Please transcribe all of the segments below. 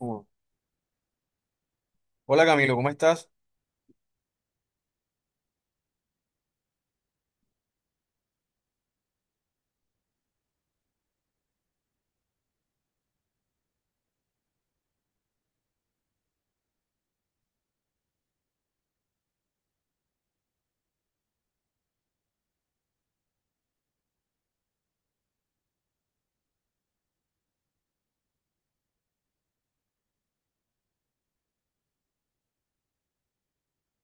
Uh. Hola Camilo, ¿cómo estás?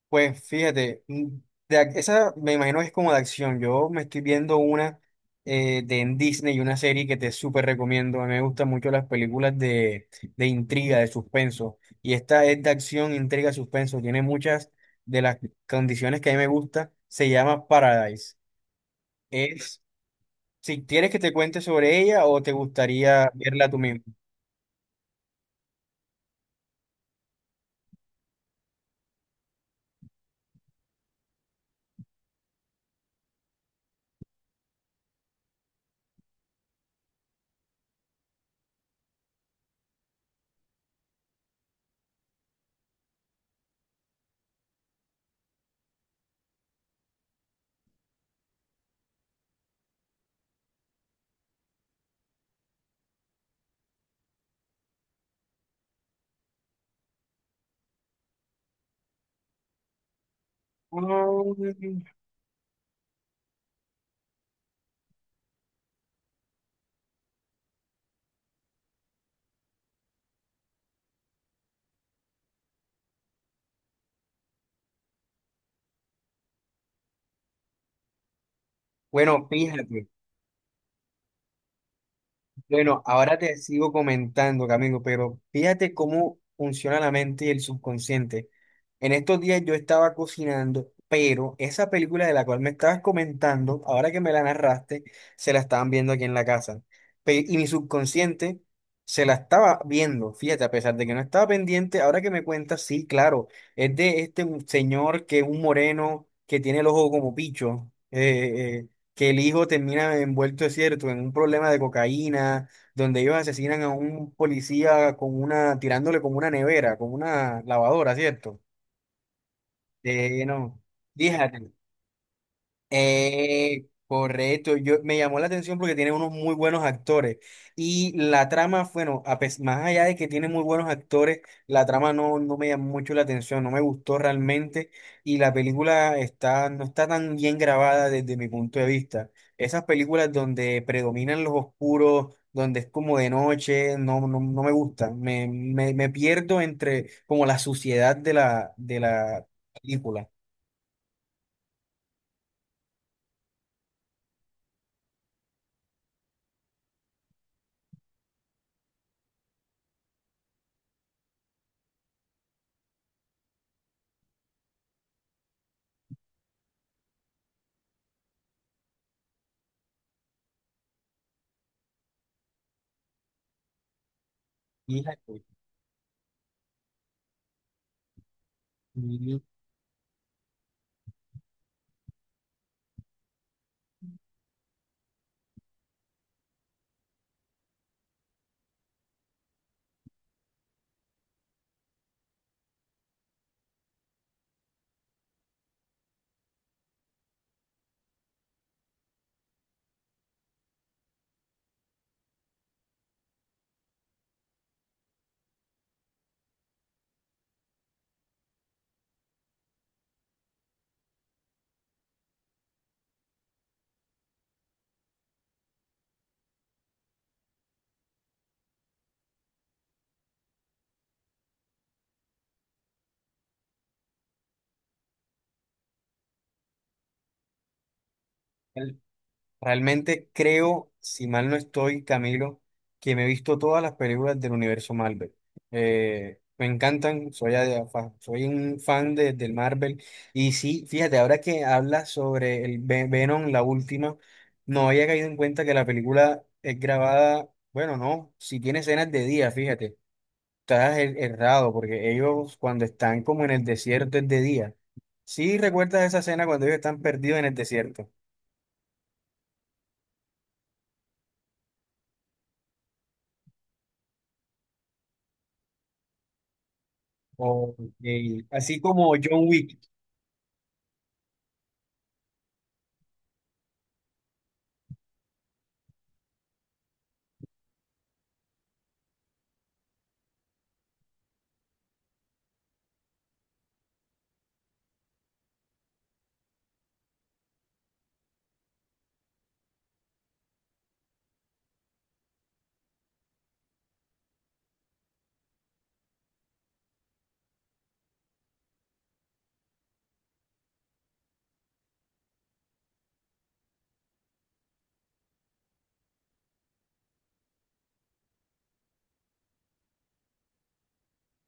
Pues fíjate, esa me imagino que es como de acción. Yo me estoy viendo una de en Disney, una serie que te súper recomiendo. A mí me gustan mucho las películas de intriga, de suspenso. Y esta es de acción, intriga, suspenso. Tiene muchas de las condiciones que a mí me gusta. Se llama Paradise. Es, si quieres que te cuente sobre ella o te gustaría verla tú mismo. Mm, Bueno, fíjate. Bueno, ahora te sigo comentando, Camilo, pero fíjate cómo funciona la mente y el subconsciente. En estos días yo estaba cocinando, pero esa película de la cual me estabas comentando, ahora que me la narraste, se la estaban viendo aquí en la casa. Y mi subconsciente se la estaba viendo, fíjate, a pesar de que no estaba pendiente, ahora que me cuentas, sí, claro, es de este señor que es un moreno, que tiene el ojo como picho. Que el hijo termina envuelto, es cierto, en un problema de cocaína, donde ellos asesinan a un policía con una, tirándole con una nevera, con una lavadora, ¿cierto? No, fíjate. Correcto, yo me llamó la atención porque tiene unos muy buenos actores y la trama, bueno, más allá de que tiene muy buenos actores, la trama no me llamó mucho la atención, no me gustó realmente y la película está, no está tan bien grabada desde mi punto de vista. Esas películas donde predominan los oscuros, donde es como de noche, no me gustan, me pierdo entre como la suciedad de de la película. Hija de- Realmente creo, si mal no estoy, Camilo, que me he visto todas las películas del universo Marvel. Me encantan, soy un fan del Marvel. Y sí, fíjate, ahora que hablas sobre el Venom, la última, no había caído en cuenta que la película es grabada, bueno, no, si tiene escenas de día, fíjate, errado, porque ellos cuando están como en el desierto es de día. Sí, recuerdas esa escena cuando ellos están perdidos en el desierto. Ok, así como John Wick.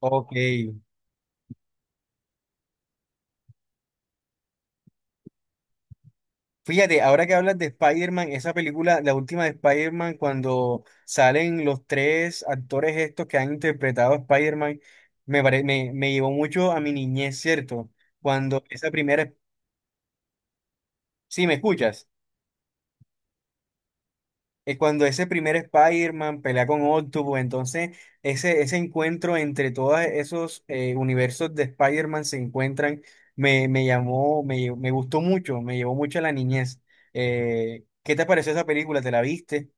Ok. Fíjate, ahora que hablas de Spider-Man, esa película, la última de Spider-Man, cuando salen los tres actores estos que han interpretado a Spider-Man, me llevó mucho a mi niñez, ¿cierto? Cuando esa primera... Sí, ¿me escuchas? Eh, cuando ese primer Spider-Man pelea con Octopus, entonces ese encuentro entre todos esos universos de Spider-Man se encuentran, me gustó mucho, me llevó mucho a la niñez. ¿Qué te pareció esa película? ¿Te la viste?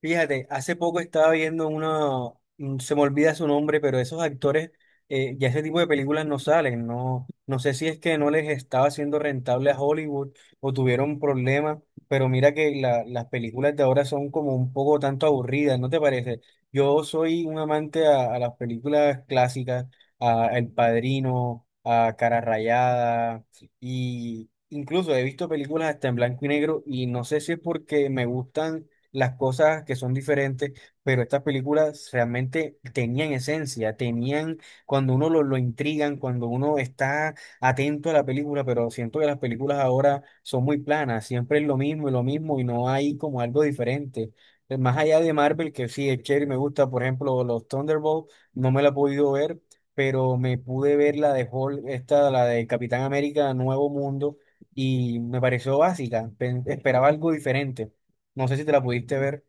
Fíjate, hace poco estaba viendo uno, se me olvida su nombre, pero esos actores, ya ese tipo de películas no salen, no, no sé si es que no les estaba siendo rentable a Hollywood o tuvieron problemas, pero mira que las películas de ahora son como un poco tanto aburridas, ¿no te parece? Yo soy un amante a las películas clásicas, a El Padrino, a Cara Rayada, y incluso he visto películas hasta en blanco y negro, y no sé si es porque me gustan las cosas que son diferentes, pero estas películas realmente tenían esencia, tenían, cuando uno lo intrigan, cuando uno está atento a la película, pero siento que las películas ahora son muy planas, siempre es lo mismo y no hay como algo diferente. Más allá de Marvel, que sí, es chévere, me gusta, por ejemplo, los Thunderbolts, no me la he podido ver, pero me pude ver la de Hulk, esta, la de Capitán América, Nuevo Mundo, y me pareció básica, esperaba algo diferente. No sé si te la pudiste ver.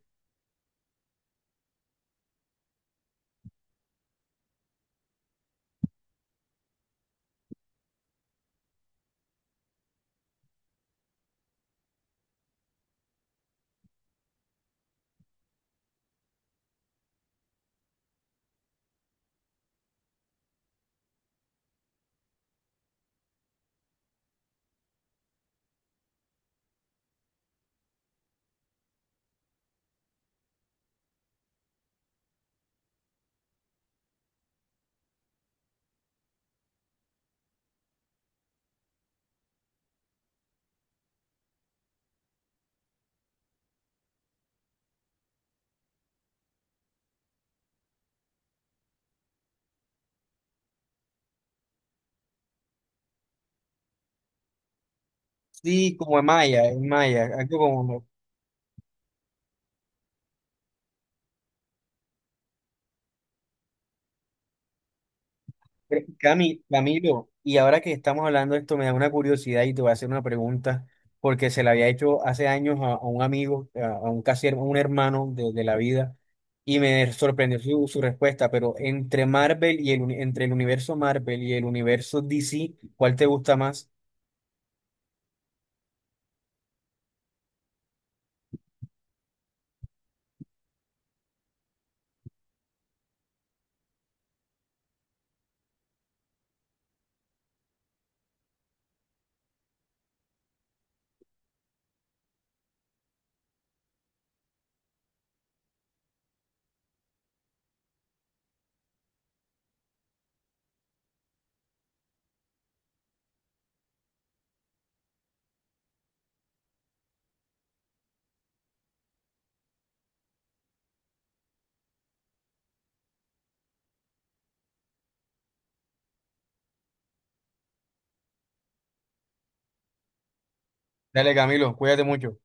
Sí, como en Maya, algo como Camilo. Y ahora que estamos hablando de esto, me da una curiosidad y te voy a hacer una pregunta, porque se la había hecho hace años a un amigo, a un un hermano de la vida, y me sorprendió su, su respuesta. Pero entre Marvel y entre el universo Marvel y el universo DC, ¿cuál te gusta más? Dale, Camilo, cuídate mucho.